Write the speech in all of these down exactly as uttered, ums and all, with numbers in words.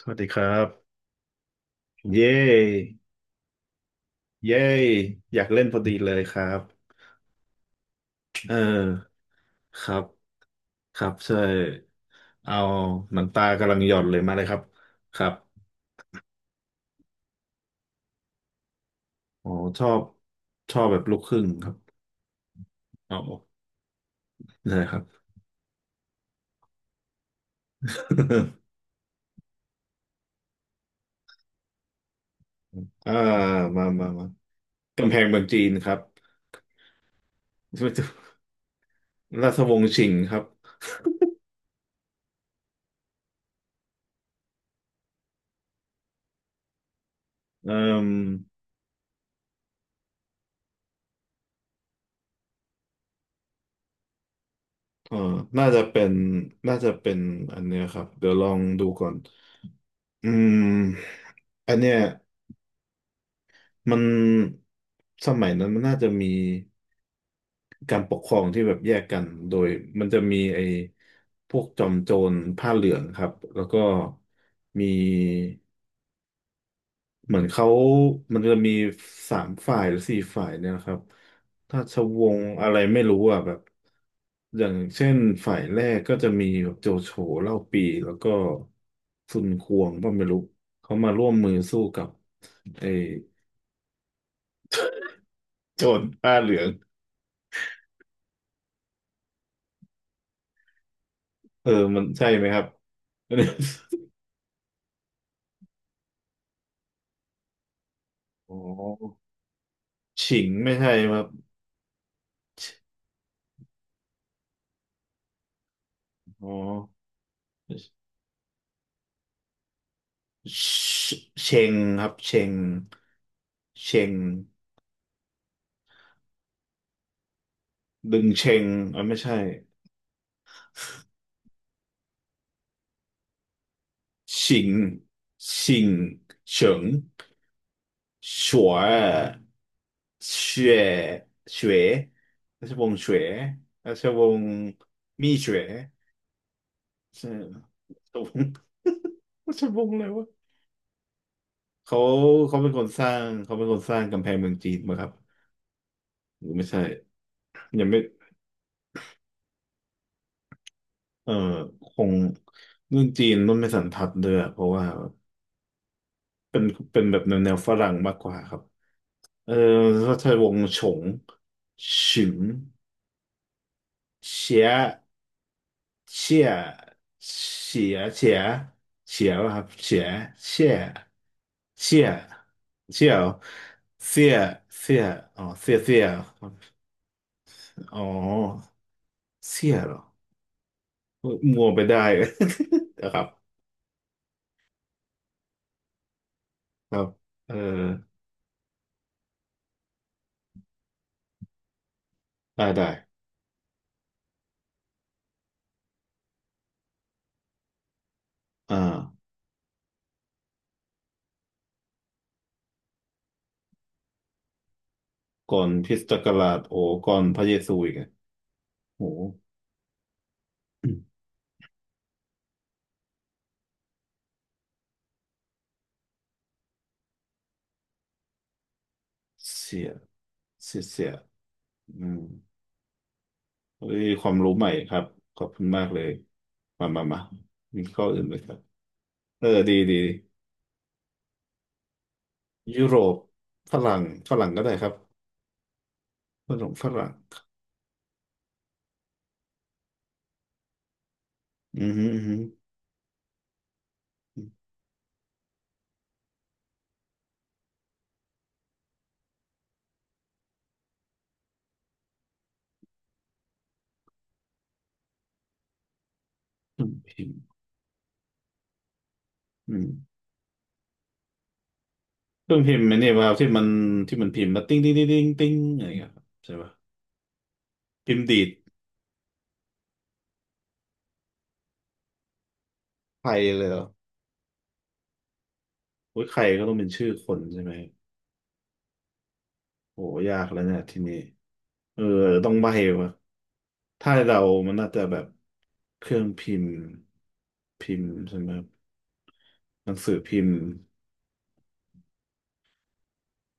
สวัสดีครับเย้เย้อยากเล่นพอดีเลยครับเออครับครับใช่เอาหนังตากำลังหย่อนเลยมาเลยครับครับอ๋อชอบชอบแบบลูกครึ่งครับเอาได้ครับ อ่ามามามากำแพงเมืองจีนครับ ราชวงศ์ชิงครับเอ่มเอ่อน่าจะเป็นน่าจะเป็นอันเนี้ยครับเดี๋ยวลองดูก่อนอืมอันเนี้ย มันสมัยนั้นมันน่าจะมีการปกครองที่แบบแยกกันโดยมันจะมีไอ้พวกจอมโจรผ้าเหลืองครับแล้วก็มีเหมือนเขามันจะมีสามฝ่ายหรือสี่ฝ่ายเนี่ยนะครับราชวงศ์อะไรไม่รู้อ่ะแบบอย่างเช่นฝ่ายแรกก็จะมีแบบโจโฉเล่าปีแล้วก็ซุนควงก็ไม่รู้เขามาร่วมมือสู้กับไอ้โจรผ้าเหลือง เออมันใช่ไหมครับ อ๋อฉิงไม่ใช่ครับอ๋อเชเชงครับเชงเชงดึงเชงอ่ะไม่ใช่ชิงชิงเฉิงฉวยเฉวยเฉวยราชวงศ์เฉวราชวงศ์มี่เฉวยใช่ราชวงศ์ ราชวงศ์อะไรวะ เขาเขาเป็นคนสร้างเขาเป็นคนสร้างกำแพงเมืองจีนมาครับหรือไม่ใช่ยังไม่เออคงเรื่องจีนนุ่นไม่สันทัดเลยอะเพราะว่าเป็นเป็นแบบแนวแนวฝรั่งมากกว่าครับเออราชวงศ์ฉงฉิงเฉียเฉียเฉียเฉียเฉียวะครับเฉียเฉียเฉียเฉียวเสียเสียอ๋อเสียเสียครับอ๋อเสียเหรอ มัวไปได้ นะครับครับเออได้ได้อ่าก่อนคริสตศักราชโอ้ก่อนพระเยซูอีกอะโอ้อืมเสียเสียเสียอืมเฮ้ยความรู้ใหม่ครับขอบคุณมากเลยมามามามีข้ออื่นไหมครับเออดีดียุโรปฝรั่งฝรั่งก็ได้ครับฝรั่งฝรั่งอืมฮึอืมฮึเครื่องพิมพ์อืมเครื่องพิมพ์ไอ้เนี่ยะครับที่มันที่มันพิมพ์แล้วติ้งติ้งติ้งติ้งติ้งอะไรอย่างเงี้ยครับใช่ป่ะพิมพ์ดีด ใครเลยเหรอโอ้ยใครก็ต้องเป็นชื่อคนใช่ไหมโหยากแล้วเนี่ยทีนี้เออต้องใบ้วะถ้าเรามันน่าจะแบบเครื่องพิมพ์ พิมพ์ใช่ไหมครับหนังสือพิมพ์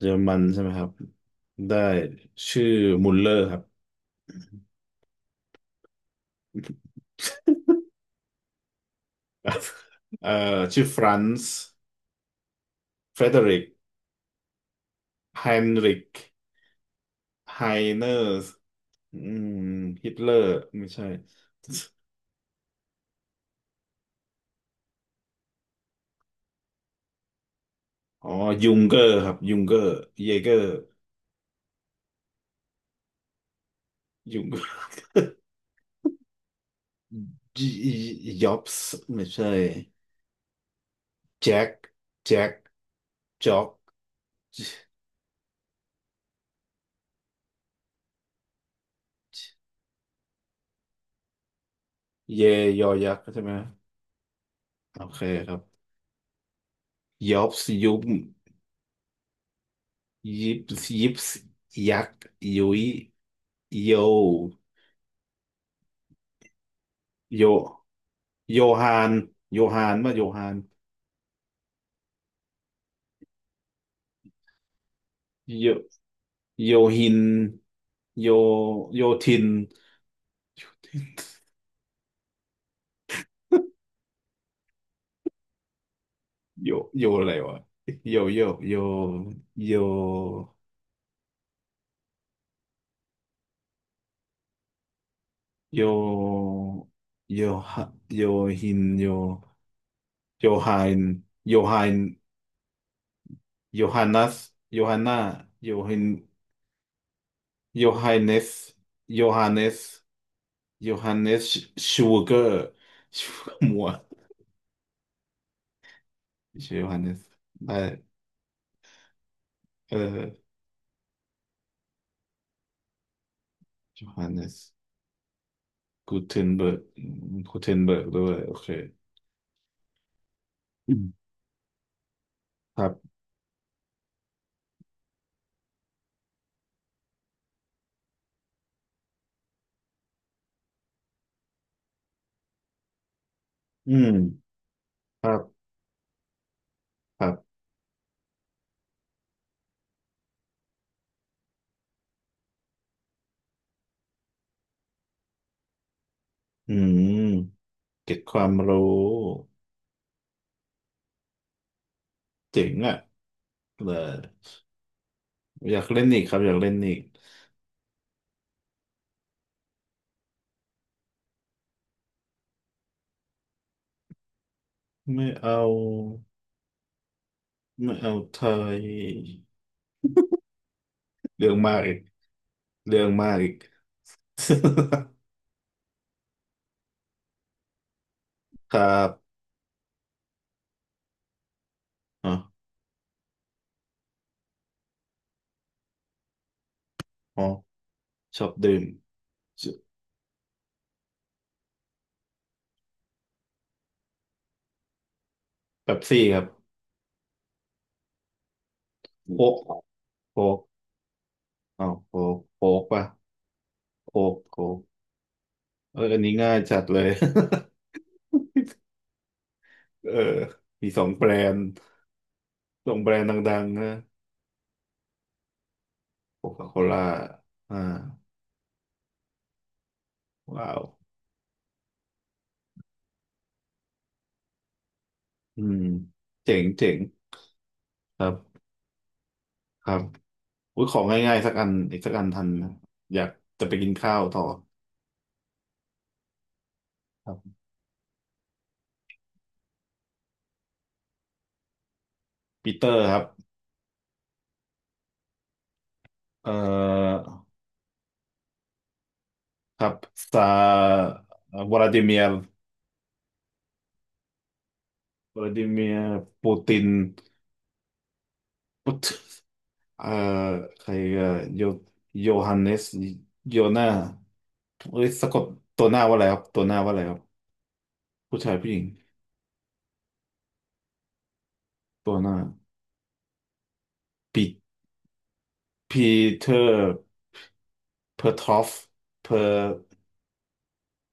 เยอรมันใช่ไหมครับ ได้ชื่อมุลเลอร์ครับ เอ่อชื่อฟรานซ์เฟรเดริกไฮนริกไฮเนอร์อืมฮิตเลอร์ไม่ใช่ อ๋อ ยุงเกอร์ครับ ยุงเกอร์เยเกอร์ยุง จ็อบส์ไม่ใช่แจ็คแจ็คจ็อกเยยอยักษ์ใช่ไหมโอเคครับยอบส์ยุบยิบยิบยักษ์ยุยโยโยโยฮานโยฮานว่าโยฮานโยโยฮินโยโยทินโยโย อะไรวะโยโยโยโย โยโยฮะโยฮินโยโยฮานโยฮานโยฮานัสโยฮาน่าโยฮินโยไฮเนสโยฮาเนสโยฮาเนสชูเกอร์ชูเกอร์มัวชื่อโยฮาเนสได้เออโยฮาเนสกูเทนเบิร์กกูเทนเบิร์กด้วยโอเคอืมครับอืมครับครับอืมเก็บความรู้เจ๋งอ่ะเลย อยากเล่นอีกครับอยากเล่นอีกไม่เอาไม่เอาไทยเรื่องมากอีกเรื่องมากอีก ครับอ๋ออ๋อชอบดื่มเป๊ปซี่ครับโค้กโค้กอ้าวโค้กโค้กป่ะโค้กโค้กเอออันนี้ง่ายจัดเลย เออมีสองแบรนด์สองแบรนด์ดังๆนะโคคาโคล่าอ่าว้าวอืมเจ๋งเจ๋งครับครับ อุ้ยของง่ายๆสักอันอีกสักอันทันนะอยากจะไปกินข้าวต่อครับปีเตอร์ครับเอ่อครับซาวลาดิเมียร์วลาดิเมียร์ปูตินปุตเอ่อใครเอ่อโยโยฮันเนสโยนาเอ้ยสะกดตัวหน้าว่าอะไรครับตัวหน้าว่าอะไรครับผู้ชายผู้หญิงตัวหน้าปีปีเตอร์เพอร์ทอฟเพอร์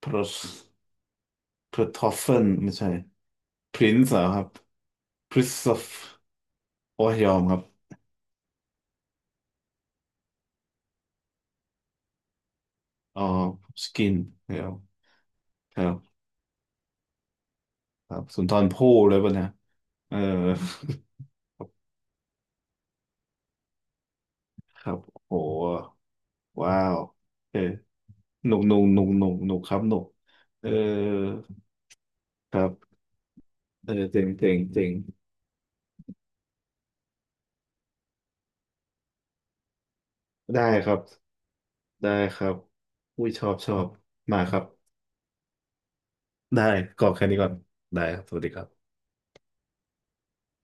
เพอร์เพอร์ทอฟเฟนไม่ใช่พรินซ์เหรอครับ คริสโตฟโอ้ยยอมครับอ๋อสกินยอมครับครับสุนทรภู่เลยป่ะเนะเออ ครับโอ้โหว้าวเออหนุกหนุกหนุกหนุกหนุกครับหนุกเออครับเออเจ๋งเจ๋งเจ๋งได้ครับ ได้ครับ อุ้ยชอบชอบมาครับ ได้กรอกแค่นี้ก่อน ได้ครับสวัสดีครับ